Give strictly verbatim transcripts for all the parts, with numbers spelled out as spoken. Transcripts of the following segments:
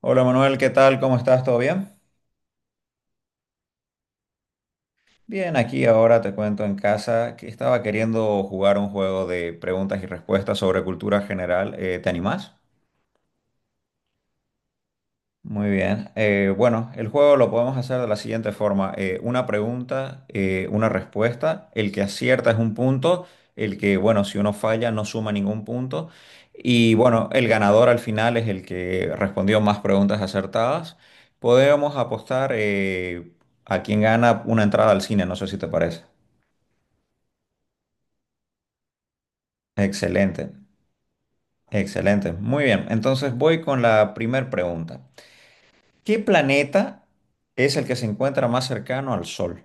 Hola Manuel, ¿qué tal? ¿Cómo estás? ¿Todo bien? Bien, aquí ahora te cuento en casa que estaba queriendo jugar un juego de preguntas y respuestas sobre cultura general. Eh, ¿te animás? Muy bien. Eh, bueno, el juego lo podemos hacer de la siguiente forma. Eh, una pregunta, eh, una respuesta. El que acierta es un punto. El que, bueno, si uno falla no suma ningún punto. Y bueno, el ganador al final es el que respondió más preguntas acertadas. Podemos apostar eh, a quien gana una entrada al cine, no sé si te parece. Excelente, excelente. Muy bien, entonces voy con la primera pregunta. ¿Qué planeta es el que se encuentra más cercano al Sol?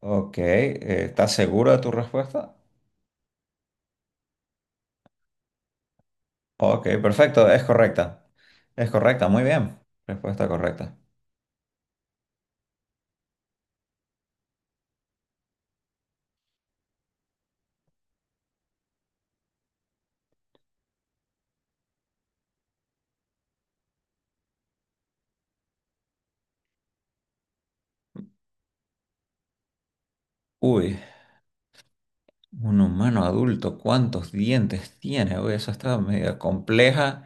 Ok, eh, ¿estás seguro de tu respuesta? Ok, perfecto, es correcta. Es correcta, muy bien. Respuesta correcta. Uy, un humano adulto, ¿cuántos dientes tiene? Uy, eso está medio compleja,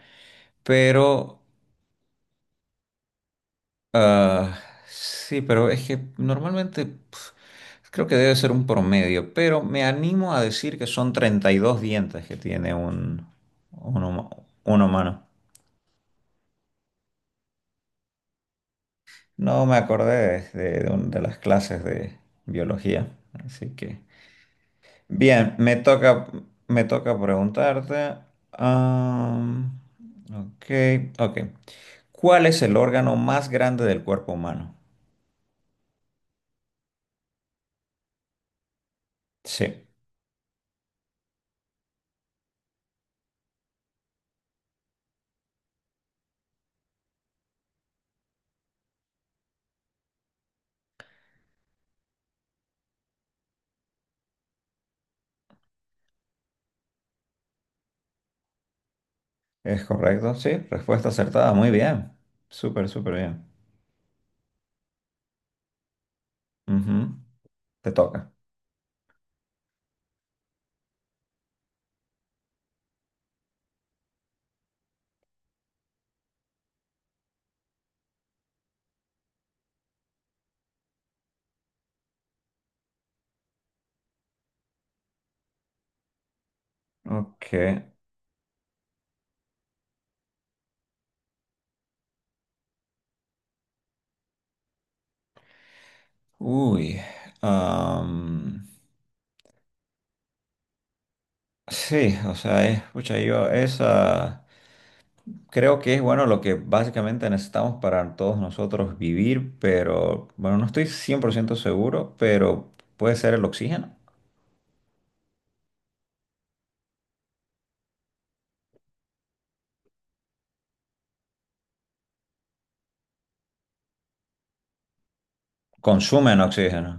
pero... ah, sí, pero es que normalmente pf, creo que debe ser un promedio, pero me animo a decir que son treinta y dos dientes que tiene un, un, huma- un humano. No me acordé de, de- un- de las clases de biología, así que... Bien, me toca, me toca preguntarte. am, ok, ok. ¿Cuál es el órgano más grande del cuerpo humano? Sí, es correcto, sí. Respuesta acertada, muy bien. Súper, súper bien. Ujú. Te toca. Ok. Uy. am, sí, o sea, escucha yo esa... Creo que es bueno lo que básicamente necesitamos para todos nosotros vivir, pero bueno, no estoy cien por ciento seguro, pero puede ser el oxígeno. Consumen oxígeno.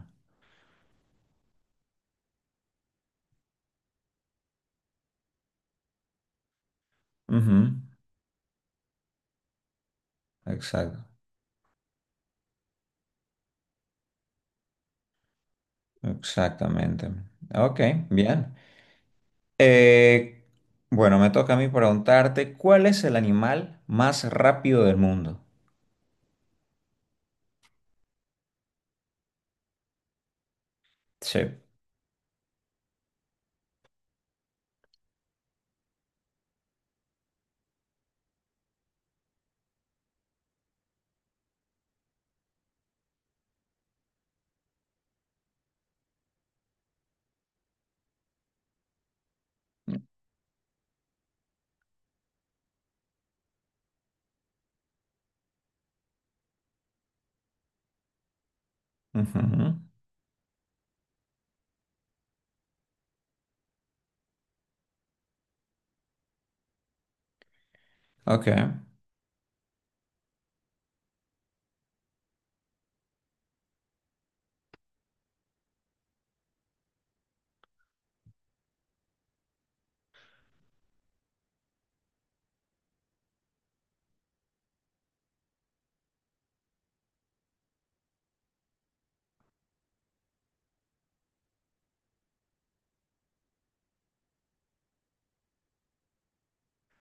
Ujú. Exacto, exactamente. Ok, bien. Eh, bueno, me toca a mí preguntarte, ¿cuál es el animal más rápido del mundo? Sí. Ujú. Ok,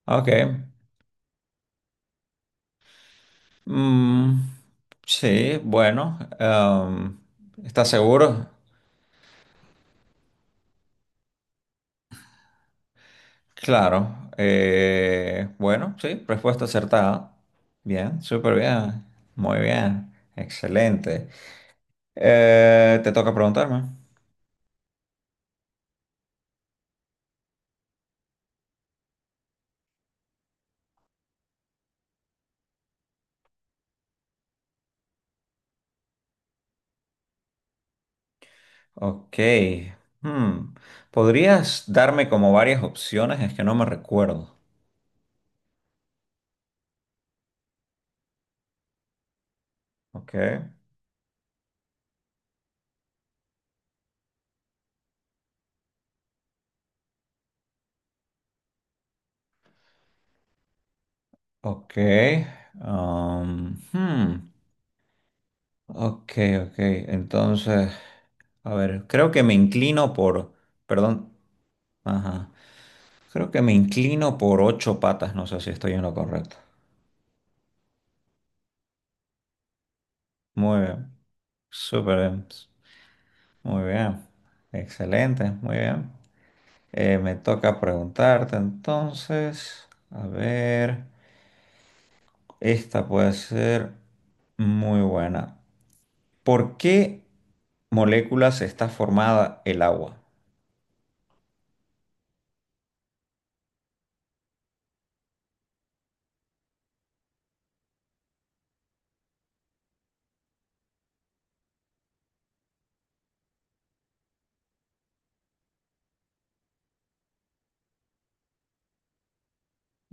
ok. Mm, sí, bueno, em, ¿estás seguro? Claro, eh, bueno, sí, respuesta acertada. Bien, súper bien, muy bien, excelente. Eh, te toca preguntarme. Ok, hmm, ¿podrías darme como varias opciones? Es que no me recuerdo. Ok, ok, um, hmm, ok, ok, entonces, a ver, creo que me inclino por, perdón, ajá. Creo que me inclino por ocho patas, no sé si estoy en lo correcto. Muy bien, súper bien, muy bien, excelente, muy bien. Eh, me toca preguntarte entonces, a ver, esta puede ser muy buena. ¿Por qué moléculas está formada el agua?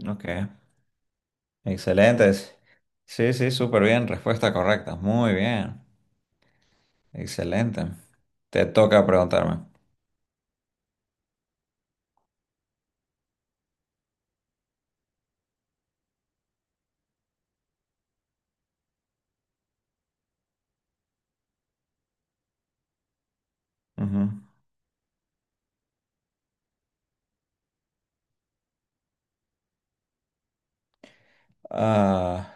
Ok, excelentes. Sí, sí, súper bien, respuesta correcta, muy bien, excelente. Te toca preguntarme. Ujú. Ah,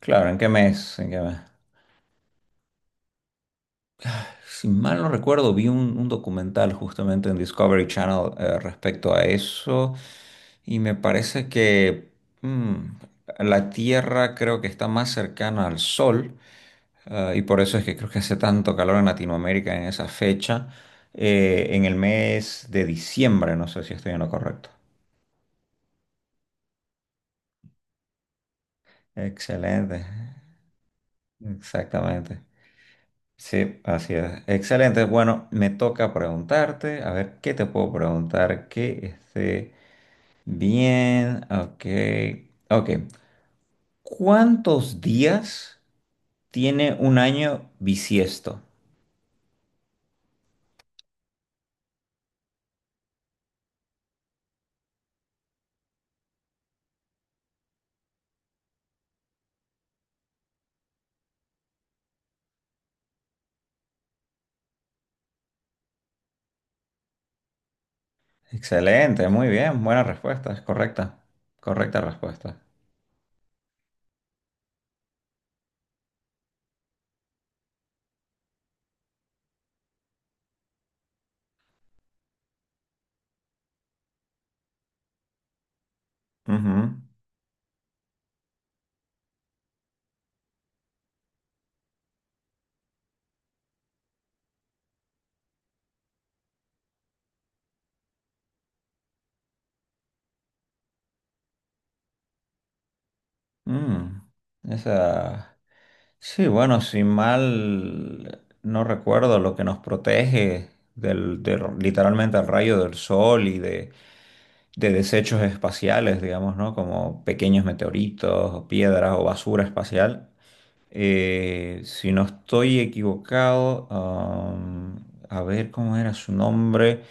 claro, ¿en qué mes? ¿En qué mes? Si mal no recuerdo, vi un, un documental justamente en Discovery Channel eh, respecto a eso y me parece que mm, la Tierra creo que está más cercana al Sol, ah, y por eso es que creo que hace tanto calor en Latinoamérica en esa fecha, eh, en el mes de diciembre, no sé si estoy en lo correcto. Excelente, exactamente. Sí, así es. Excelente. Bueno, me toca preguntarte, a ver qué te puedo preguntar que esté bien. Ok, ok. ¿Cuántos días tiene un año bisiesto? Excelente, muy bien, buena respuesta, es correcta, correcta respuesta. Ujú. Mm, esa. Sí, bueno, si mal no recuerdo, lo que nos protege del, de- literalmente al rayo del sol y de de desechos espaciales, digamos, ¿no? Como pequeños meteoritos o piedras o basura espacial. Eh, si no estoy equivocado, am, a ver cómo era su nombre.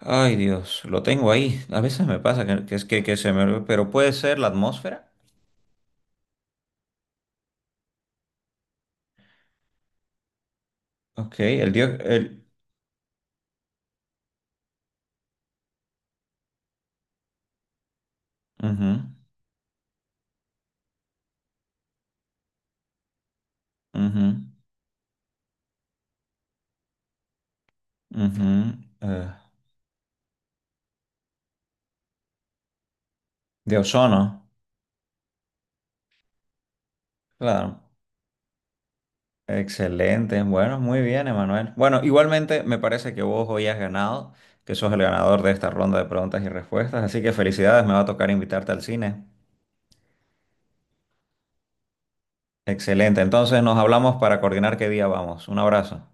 Ay, Dios, lo tengo ahí. A veces me pasa que, que es que, que se me... olvida. Pero puede ser la atmósfera. Ok, el dios... El... ujú, ujú, ujú, eh, de ozono, claro. Excelente, bueno, muy bien, Emanuel. Bueno, igualmente me parece que vos hoy has ganado, que sos el ganador de esta ronda de preguntas y respuestas, así que felicidades, me va a tocar invitarte al cine. Excelente, entonces nos hablamos para coordinar qué día vamos. Un abrazo.